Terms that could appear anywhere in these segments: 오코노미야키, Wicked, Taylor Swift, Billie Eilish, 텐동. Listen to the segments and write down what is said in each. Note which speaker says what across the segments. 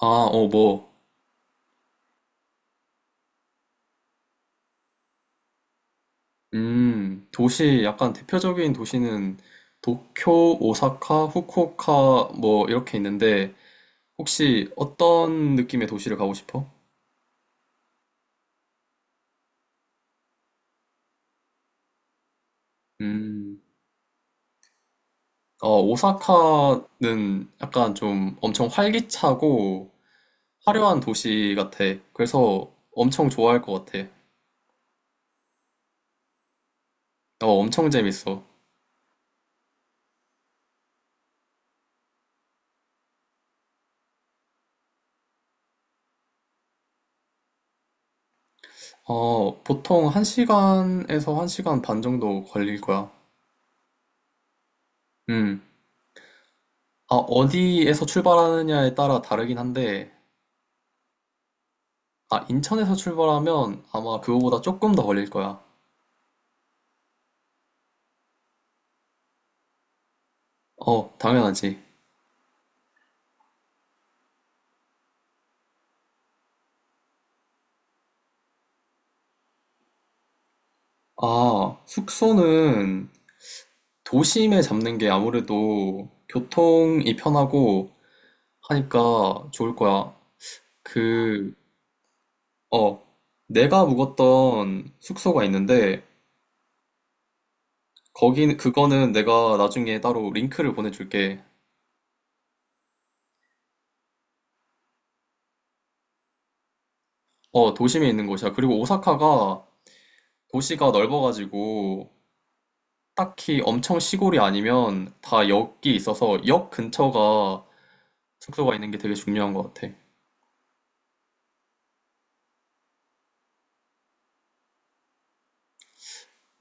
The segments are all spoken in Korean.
Speaker 1: 아, 어, 뭐, 도시, 약간 대표적인 도시는 도쿄, 오사카, 후쿠오카, 뭐, 이렇게 있는데, 혹시 어떤 느낌의 도시를 가고 싶어? 음, 오사카는 약간 좀 엄청 활기차고 화려한 도시 같아. 그래서 엄청 좋아할 것 같아. 엄청 재밌어. 보통 1시간에서 1시간 반 정도 걸릴 거야. 음. 아, 어디에서 출발하느냐에 따라 다르긴 한데, 아, 인천에서 출발하면 아마 그거보다 조금 더 걸릴 거야. 당연하지. 아, 숙소는 도심에 잡는 게 아무래도 교통이 편하고 하니까 좋을 거야. 그, 어, 내가 묵었던 숙소가 있는데, 그거는 내가 나중에 따로 링크를 보내줄게. 어, 도심에 있는 곳이야. 그리고 오사카가 도시가 넓어가지고, 딱히 엄청 시골이 아니면 다 역이 있어서 역 근처가 숙소가 있는 게 되게 중요한 것 같아.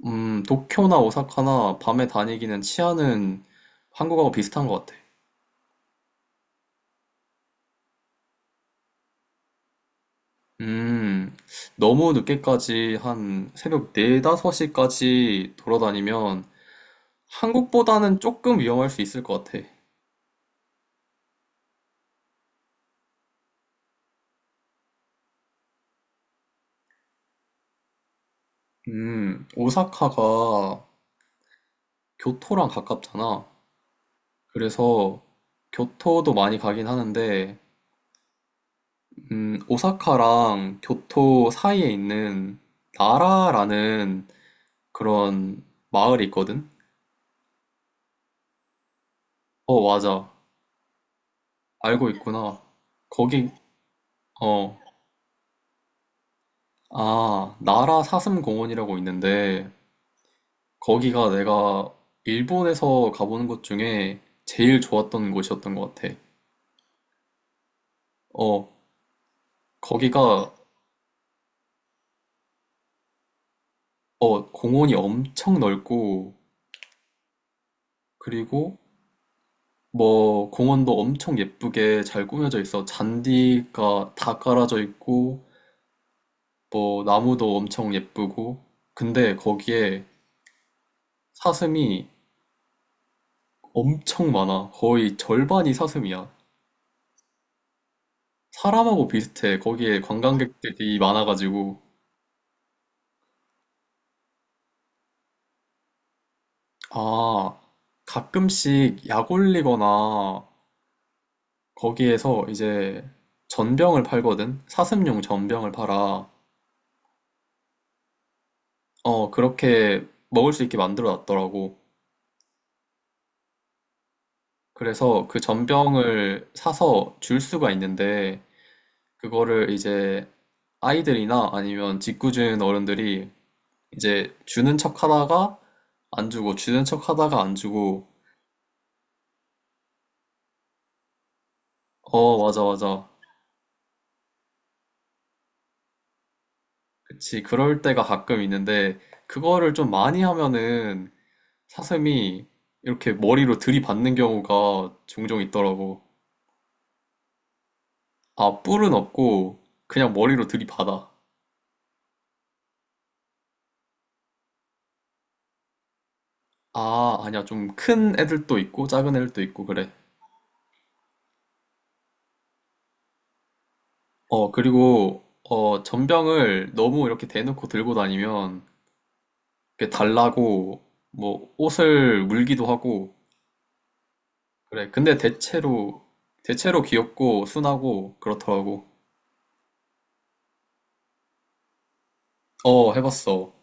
Speaker 1: 도쿄나 오사카나 밤에 다니기는 치안은 한국하고 비슷한 것 같아. 음, 너무 늦게까지 한 새벽 4, 5시까지 돌아다니면 한국보다는 조금 위험할 수 있을 것 같아. 오사카가 교토랑 가깝잖아. 그래서 교토도 많이 가긴 하는데, 오사카랑 교토 사이에 있는 나라라는 그런 마을이 있거든? 어, 맞아. 알고 있구나. 거기, 어, 아, 나라 사슴공원이라고 있는데, 거기가 내가 일본에서 가보는 곳 중에 제일 좋았던 곳이었던 것 같아. 어, 거기가, 공원이 엄청 넓고, 그리고 뭐, 공원도 엄청 예쁘게 잘 꾸며져 있어. 잔디가 다 깔아져 있고, 뭐, 나무도 엄청 예쁘고, 근데 거기에 사슴이 엄청 많아. 거의 절반이 사슴이야. 사람하고 비슷해. 거기에 관광객들이 많아가지고. 아, 가끔씩 약 올리거나 거기에서 이제 전병을 팔거든? 사슴용 전병을 팔아. 어, 그렇게 먹을 수 있게 만들어 놨더라고. 그래서 그 전병을 사서 줄 수가 있는데, 그거를 이제 아이들이나 아니면 짓궂은 어른들이 이제 주는 척 하다가 안 주고 주는 척 하다가 안 주고 어 맞아, 맞아. 그치 그럴 때가 가끔 있는데 그거를 좀 많이 하면은 사슴이 이렇게 머리로 들이받는 경우가 종종 있더라고. 아, 뿔은 없고 그냥 머리로 들이받아. 아, 아니야. 좀 큰 애들도 있고 작은 애들도 있고 그래. 그리고 전병을 너무 이렇게 대놓고 들고 다니면 이렇게 달라고 뭐 옷을 물기도 하고 그래. 근데 대체로 귀엽고 순하고 그렇더라고. 어, 해봤어.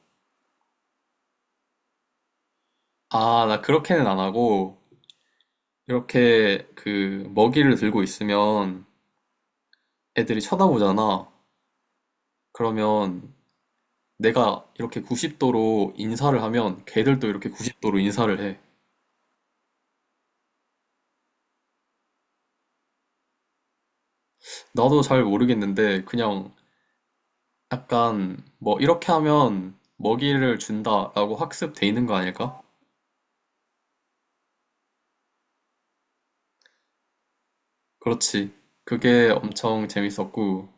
Speaker 1: 아, 나 그렇게는 안 하고, 이렇게 그 먹이를 들고 있으면 애들이 쳐다보잖아. 그러면 내가 이렇게 90도로 인사를 하면 걔들도 이렇게 90도로 인사를 해. 나도 잘 모르겠는데, 그냥 약간 뭐 이렇게 하면 먹이를 준다라고 학습돼 있는 거 아닐까? 그렇지. 그게 엄청 재밌었고,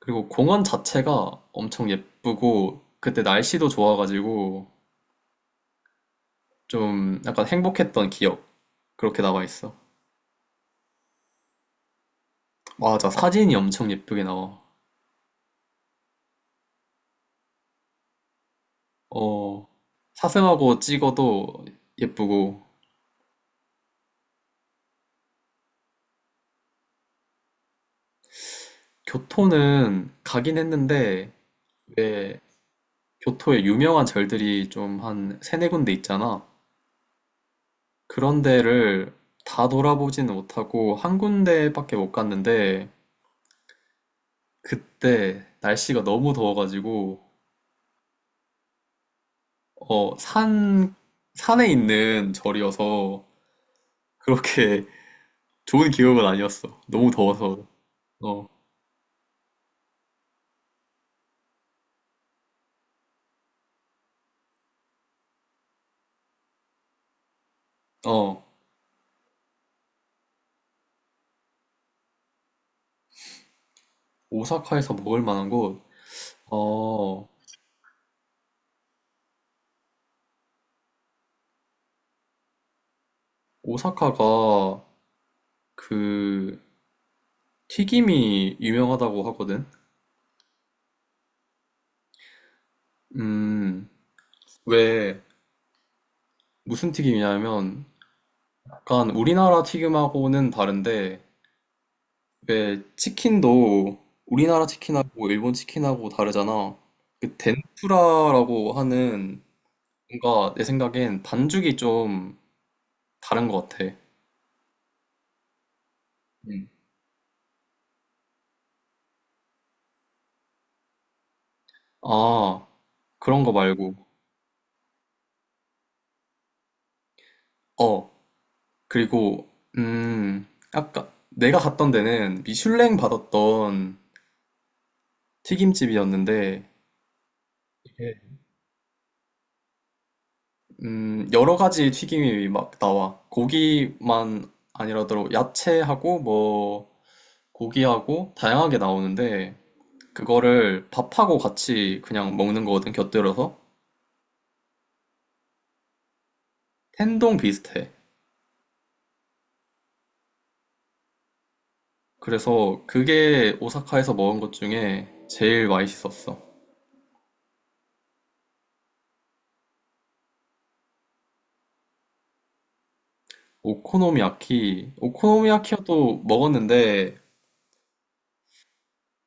Speaker 1: 그리고 공원 자체가 엄청 예쁘고 그때 날씨도 좋아가지고 좀 약간 행복했던 기억 그렇게 남아 있어. 맞아, 사진이 엄청 예쁘게 나와. 어, 사슴하고 찍어도 예쁘고. 교토는 가긴 했는데 왜 교토에 유명한 절들이 좀 한 세네 군데 있잖아. 그런 데를 다 돌아보지는 못하고 한 군데밖에 못 갔는데 그때 날씨가 너무 더워가지고 어, 산, 산에 있는 절이어서 그렇게 좋은 기억은 아니었어. 너무 더워서. 어, 어, 오사카에서 먹을 만한 곳. 어, 오사카가 그 튀김이 유명하다고 하거든. 음, 왜 무슨 튀김이냐면 약간 우리나라 튀김하고는 다른데 왜 치킨도 우리나라 치킨하고 일본 치킨하고 다르잖아. 그 덴푸라라고 하는 뭔가 내 생각엔 반죽이 좀 다른 것 같아. 음. 아, 그런 거 말고. 어, 그리고, 음, 아까 내가 갔던 데는 미슐랭 받았던 튀김집이었는데, 이게 여러 가지 튀김이 막 나와. 고기만 아니라도 야채하고 뭐 고기하고 다양하게 나오는데, 그거를 밥하고 같이 그냥 먹는 거거든, 곁들여서. 텐동 비슷해. 그래서 그게 오사카에서 먹은 것 중에 제일 맛있었어. 오코노미야키도 먹었는데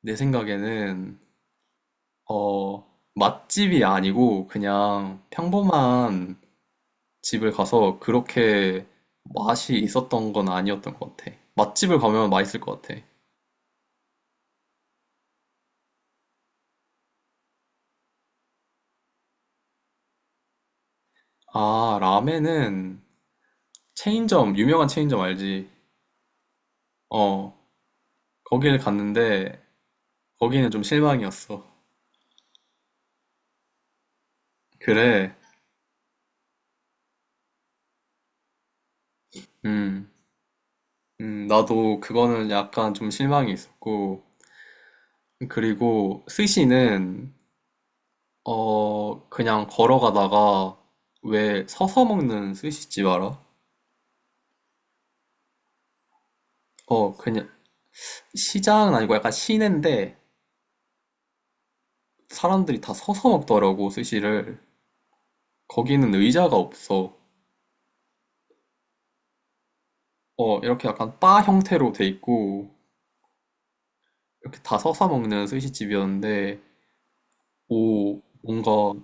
Speaker 1: 내 생각에는 어, 맛집이 아니고 그냥 평범한 집을 가서 그렇게 맛이 있었던 건 아니었던 것 같아. 맛집을 가면 맛있을 것 같아. 아, 라멘은 유명한 체인점 알지? 어, 거기를 갔는데 거기는 좀 실망이었어. 그래, 음. 나도 그거는 약간 좀 실망이 있었고, 그리고 스시는, 어, 그냥 걸어가다가, 왜 서서 먹는 스시집 알아? 어, 그냥, 시장은 아니고 약간 시내인데, 사람들이 다 서서 먹더라고, 스시를. 거기는 의자가 없어. 어, 이렇게 약간 바 형태로 돼 있고, 이렇게 다 서서 먹는 스시집이었는데, 오, 뭔가,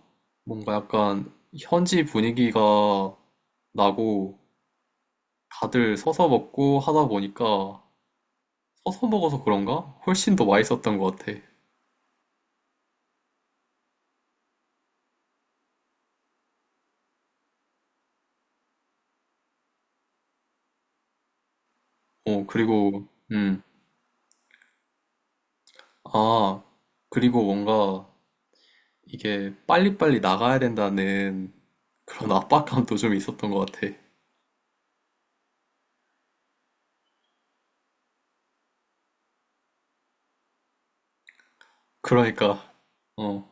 Speaker 1: 뭔가 약간 현지 분위기가 나고, 다들 서서 먹고 하다 보니까 서서 먹어서 그런가? 훨씬 더 맛있었던 것 같아. 어, 그리고, 음, 아, 그리고 뭔가 이게 빨리빨리 나가야 된다는 그런 압박감도 좀 있었던 것 같아. 그러니까, 어,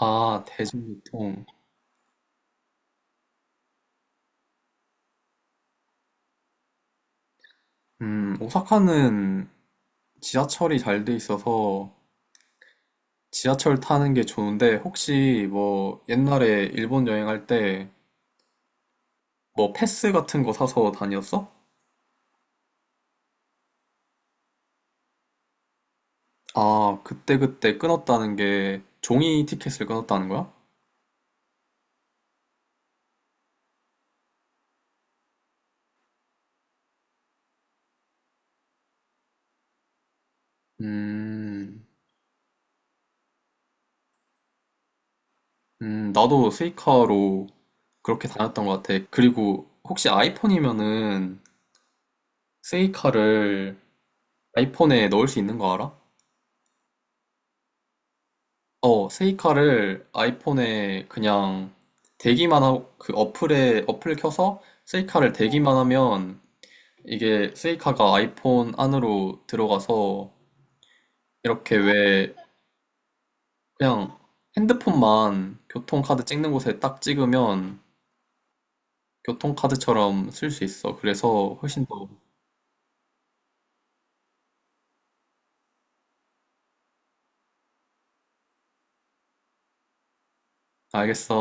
Speaker 1: 아, 대중교통. 오사카는 지하철이 잘 돼 있어서 지하철 타는 게 좋은데 혹시 뭐 옛날에 일본 여행할 때 뭐 패스 같은 거 사서 다녔어? 아, 그때그때 끊었다는 게 종이 티켓을 끊었다는 거야? 음, 나도 세이카로 그렇게 다녔던 것 같아. 그리고 혹시 아이폰이면은 세이카를 아이폰에 넣을 수 있는 거 알아? 어, 세이카를 아이폰에 그냥 대기만 하고 그 어플에 어플 켜서 세이카를 대기만 하면 이게 세이카가 아이폰 안으로 들어가서 이렇게 왜 그냥 핸드폰만 교통카드 찍는 곳에 딱 찍으면 교통카드처럼 쓸 수 있어. 그래서 훨씬 더, 알겠어.